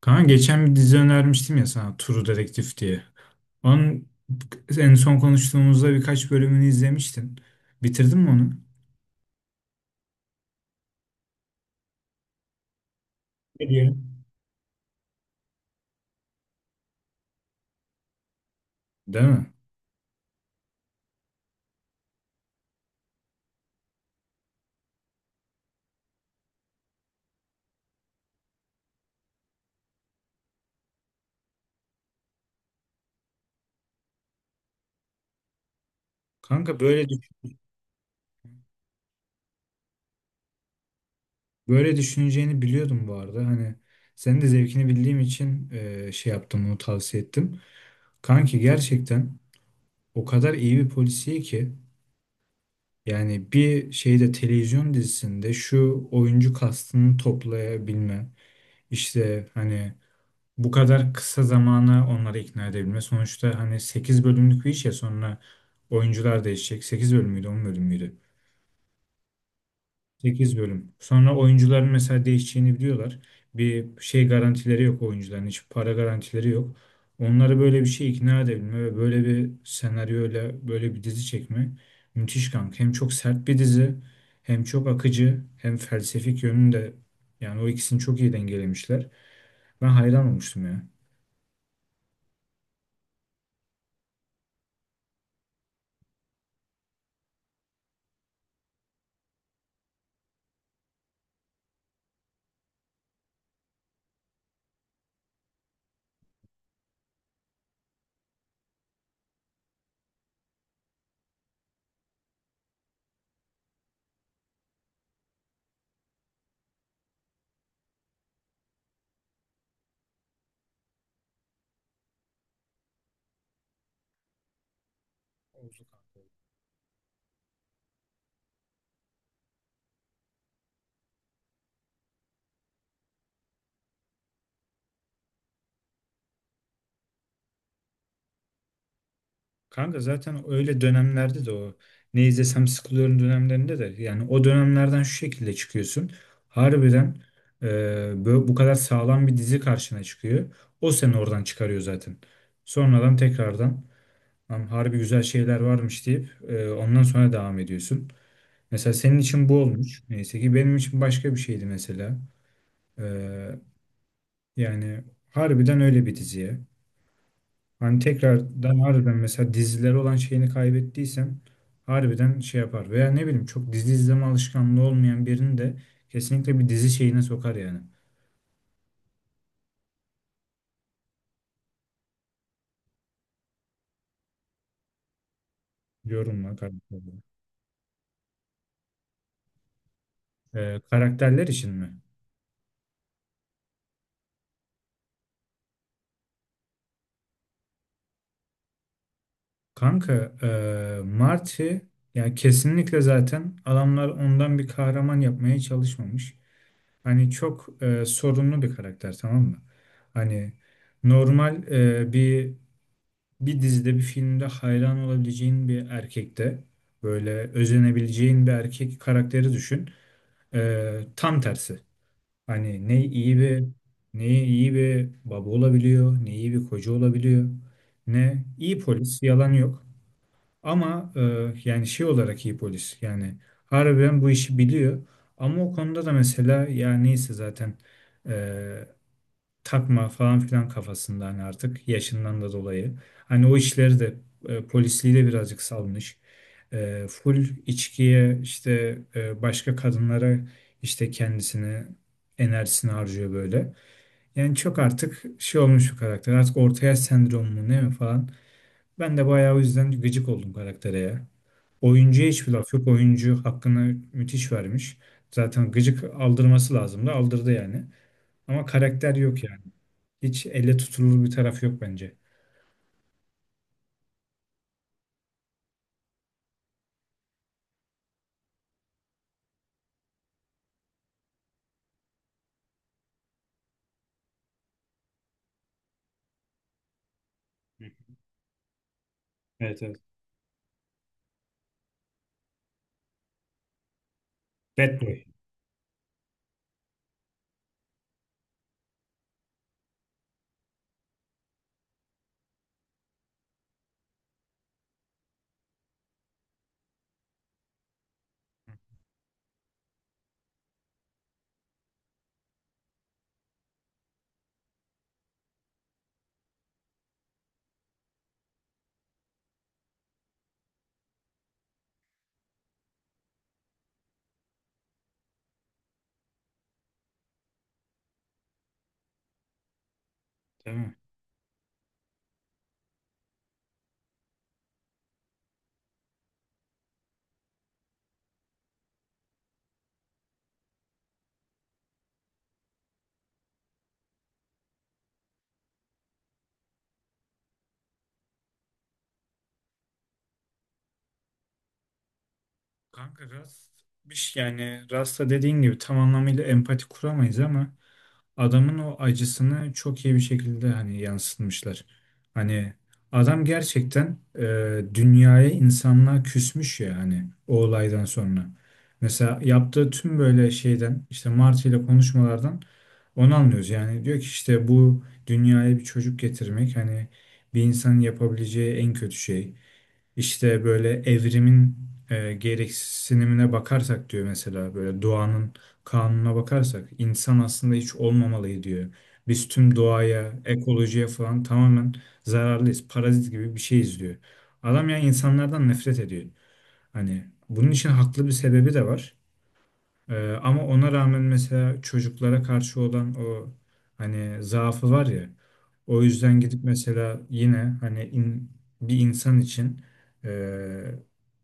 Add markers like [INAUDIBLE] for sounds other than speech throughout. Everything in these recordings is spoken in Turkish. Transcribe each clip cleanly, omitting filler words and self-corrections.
Kanka geçen bir dizi önermiştim ya sana True Detective diye. Onun en son konuştuğumuzda birkaç bölümünü izlemiştin. Bitirdin mi onu? Ne diyelim? Değil mi? Kanka böyle düş- böyle düşüneceğini biliyordum bu arada. Hani senin de zevkini bildiğim için şey yaptım, onu tavsiye ettim. Kanki gerçekten o kadar iyi bir polisiye ki yani bir şeyde, televizyon dizisinde şu oyuncu kastını toplayabilme, işte hani bu kadar kısa zamana onları ikna edebilme. Sonuçta hani 8 bölümlük bir iş ya, sonra oyuncular değişecek. 8 bölüm müydü, 10 bölüm müydü? 8 bölüm. Sonra oyuncuların mesela değişeceğini biliyorlar. Bir şey garantileri yok oyuncuların. Hiç para garantileri yok. Onları böyle bir şey ikna edebilme ve böyle bir senaryoyla böyle bir dizi çekme müthiş kanka. Hem çok sert bir dizi, hem çok akıcı, hem felsefik yönünde, yani o ikisini çok iyi dengelemişler. Ben hayran olmuştum ya. Kanka zaten öyle dönemlerde de, o ne izlesem sıkılıyorum dönemlerinde de, yani o dönemlerden şu şekilde çıkıyorsun. Harbiden e, bu kadar sağlam bir dizi karşına çıkıyor. O seni oradan çıkarıyor zaten. Sonradan tekrardan "Lan harbi güzel şeyler varmış" deyip ondan sonra devam ediyorsun. Mesela senin için bu olmuş. Neyse ki benim için başka bir şeydi mesela. E, Yani harbiden öyle bir diziye. Hani tekrardan harbiden mesela diziler olan şeyini kaybettiysem, harbiden şey yapar. Veya ne bileyim, çok dizi izleme alışkanlığı olmayan birini de kesinlikle bir dizi şeyine sokar yani. Yorumla karakterleri. Karakterler için mi? Kanka Marty, yani kesinlikle zaten adamlar ondan bir kahraman yapmaya çalışmamış. Hani çok sorunlu bir karakter, tamam mı? Hani normal bir dizide, bir filmde hayran olabileceğin bir erkekte, böyle özenebileceğin bir erkek karakteri düşün. Tam tersi. Hani ne iyi bir baba olabiliyor, ne iyi bir koca olabiliyor, ne iyi polis, yalan yok. Ama yani şey olarak iyi polis. Yani harbiden bu işi biliyor. Ama o konuda da mesela, ya neyse zaten e, takma falan filan kafasında, hani artık yaşından da dolayı. Hani o işleri de, polisliği de birazcık salmış. Full içkiye, işte başka kadınlara, işte kendisini, enerjisini harcıyor böyle. Yani çok artık şey olmuş bu karakter. Artık orta yaş sendromu mu ne mi falan. Ben de bayağı o yüzden gıcık oldum karaktere ya. Oyuncuya hiçbir laf yok. Oyuncu hakkını müthiş vermiş. Zaten gıcık aldırması lazımdı. Aldırdı yani. Ama karakter yok ya. Hiç elle tutulur bir tarafı yok bence. Evet, evet. Bad Boy. Değil mi? Kanka Rust bir şey, yani Rust'a dediğin gibi tam anlamıyla empati kuramayız ama adamın o acısını çok iyi bir şekilde hani yansıtmışlar. Hani adam gerçekten dünyaya, insanlığa küsmüş ya hani o olaydan sonra. Mesela yaptığı tüm böyle şeyden, işte Marty ile konuşmalardan onu anlıyoruz. Yani diyor ki işte bu dünyaya bir çocuk getirmek hani bir insanın yapabileceği en kötü şey. İşte böyle evrimin gereksinimine bakarsak, diyor, mesela böyle doğanın kanununa bakarsak insan aslında hiç olmamalı diyor. Biz tüm doğaya, ekolojiye falan tamamen zararlıyız. Parazit gibi bir şeyiz diyor. Adam ya insanlardan nefret ediyor. Hani bunun için haklı bir sebebi de var. Ama ona rağmen mesela çocuklara karşı olan o, hani zaafı var ya. O yüzden gidip mesela, yine hani bir insan için e,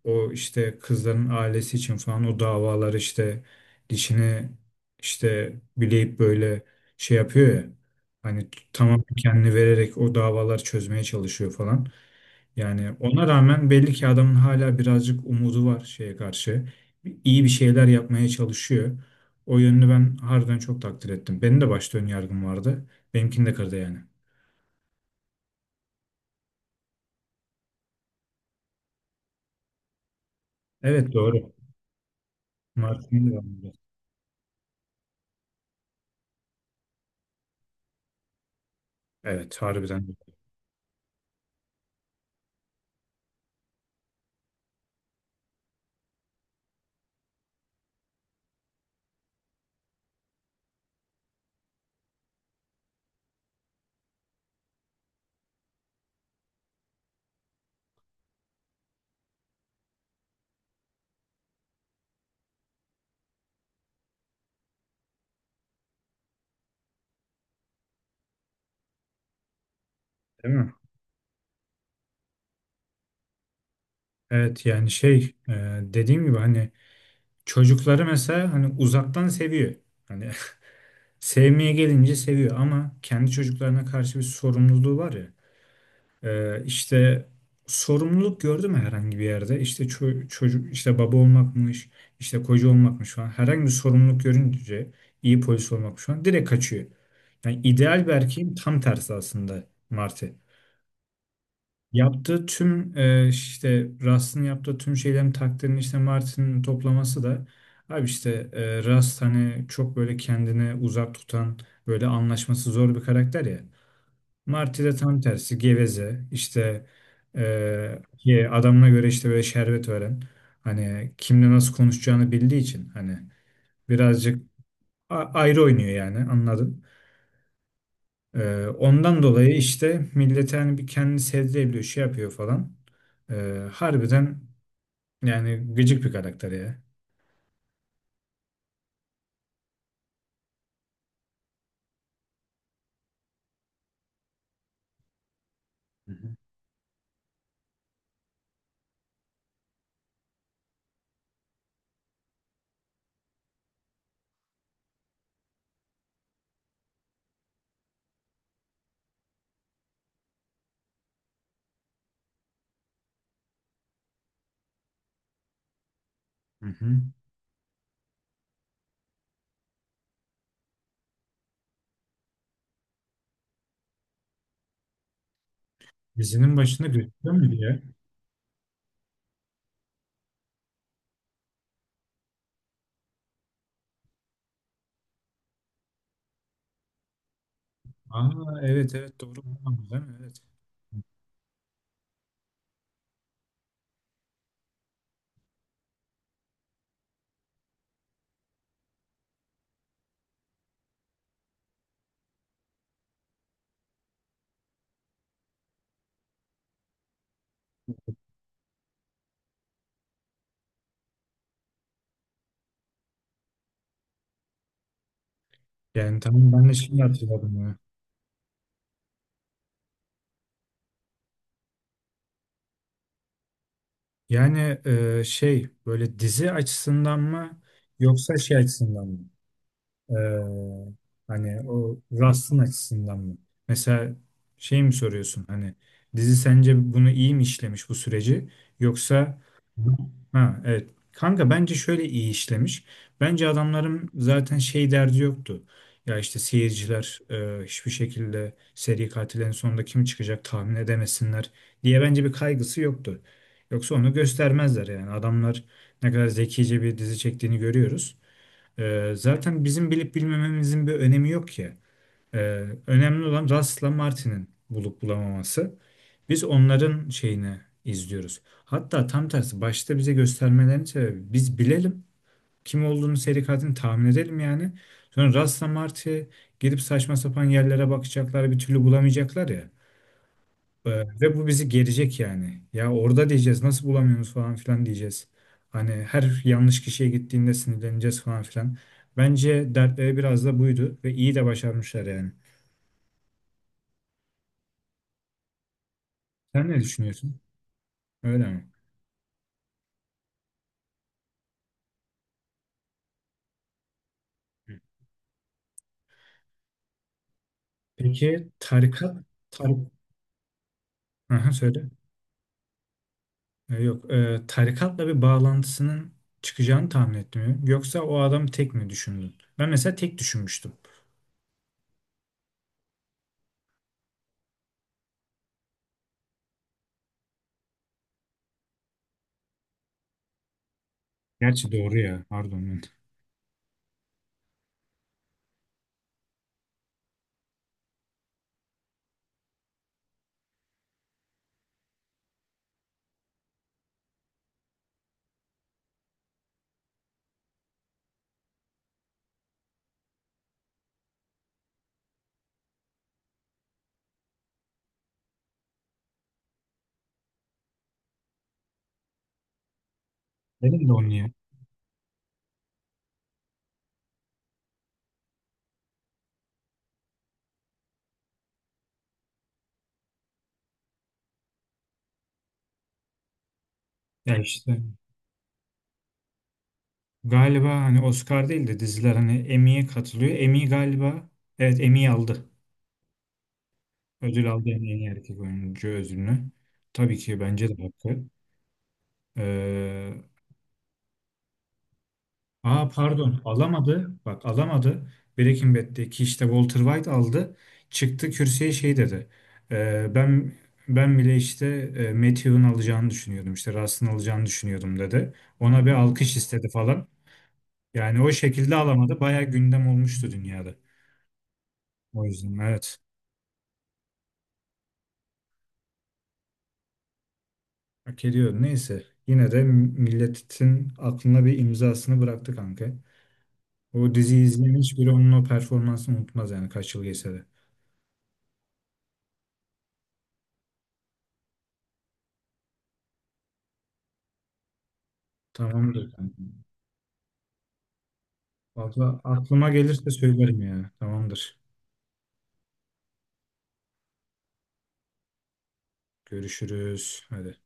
o işte kızların ailesi için falan o davalar, işte dişini işte bileyip böyle şey yapıyor ya. Hani tamamen kendini vererek o davalar çözmeye çalışıyor falan. Yani ona rağmen belli ki adamın hala birazcık umudu var şeye karşı. İyi bir şeyler yapmaya çalışıyor. O yönünü ben harbiden çok takdir ettim. Benim de başta ön yargım vardı. Benimkini de kırdı yani. Evet, doğru. Martin'in de anladı. Evet, harbiden de. Değil mi? Evet, yani şey dediğim gibi hani çocukları mesela hani uzaktan seviyor. Hani [LAUGHS] sevmeye gelince seviyor ama kendi çocuklarına karşı bir sorumluluğu var ya. İşte sorumluluk gördü mü herhangi bir yerde? İşte çocuk, işte baba olmakmış, işte koca olmakmış falan. Herhangi bir sorumluluk görünce, iyi polis olmakmış falan, direkt kaçıyor. Yani ideal bir erkeğin tam tersi aslında Marty. Yaptığı tüm işte Rust'ın yaptığı tüm şeylerin takdirini işte Martin'in toplaması da, abi işte Rust hani çok böyle kendini uzak tutan, böyle anlaşması zor bir karakter ya. Marti de tam tersi, geveze, işte ki adamına göre işte böyle şerbet veren, hani kimle nasıl konuşacağını bildiği için hani birazcık ayrı oynuyor yani, anladın. Ondan dolayı işte millete hani bir kendini sevdirebiliyor, şey yapıyor falan. Harbiden yani gıcık bir karakter ya. Hı hı. Hı hı. Dizinin başında gözüküyor muydu ya? Aa, evet, evet, doğru. Tamam, değil mi? Evet. Yani tamam, ben de şimdi hatırladım ya. Yani şey, böyle dizi açısından mı yoksa şey açısından mı? Ee, Hani o Rust'ın açısından mı? Mesela şey mi soruyorsun, hani dizi sence bunu iyi mi işlemiş bu süreci, yoksa ha evet kanka bence şöyle iyi işlemiş. Bence adamların zaten şey derdi yoktu. Ya işte seyirciler hiçbir şekilde seri katillerin sonunda kim çıkacak tahmin edemesinler diye, bence bir kaygısı yoktu. Yoksa onu göstermezler yani, adamlar ne kadar zekice bir dizi çektiğini görüyoruz. Zaten bizim bilip bilmememizin bir önemi yok ki. Ee, Önemli olan Russ'la Martin'in bulup bulamaması. Biz onların şeyini izliyoruz. Hatta tam tersi, başta bize göstermelerinin sebebi biz bilelim kim olduğunu, seri katilini tahmin edelim yani. Sonra Russ'la Marty gidip saçma sapan yerlere bakacaklar, bir türlü bulamayacaklar ya. Ee, Ve bu bizi gerecek yani. Ya orada diyeceğiz nasıl bulamıyoruz falan filan diyeceğiz. Hani her yanlış kişiye gittiğinde sinirleneceğiz falan filan. Bence dertleri biraz da buydu, ve iyi de başarmışlar yani. Sen ne düşünüyorsun? Öyle mi? Peki tarikat tarik Aha, söyle. Yok, tarikatla bir bağlantısının çıkacağını tahmin etmiyorum. Yoksa o adam tek mi düşündün? Ben mesela tek düşünmüştüm. Gerçi doğru ya, pardon ben. Benim de onu ya. Ya işte. Galiba hani Oscar değil de diziler hani Emmy'ye katılıyor. Emmy galiba, evet, Emmy aldı. Ödül aldı en iyi erkek oyuncu ödülünü. Tabii ki bence de hakkı. Ee, Aa pardon, alamadı. Bak, alamadı. Breaking Bad'deki işte Walter White aldı. Çıktı kürsüye, şey dedi. Ee, ben Ben bile işte Matthew'un alacağını düşünüyordum, İşte Rust'ın alacağını düşünüyordum dedi. Ona bir alkış istedi falan. Yani o şekilde alamadı. Bayağı gündem olmuştu dünyada. O yüzden, evet. Hak ediyor. Neyse. Yine de milletin aklına bir imzasını bıraktı kanka. O diziyi izleyen hiçbiri onun o performansını unutmaz yani, kaç yıl geçse de. Tamamdır kanka. Valla aklıma gelirse söylerim ya. Tamamdır. Görüşürüz. Hadi.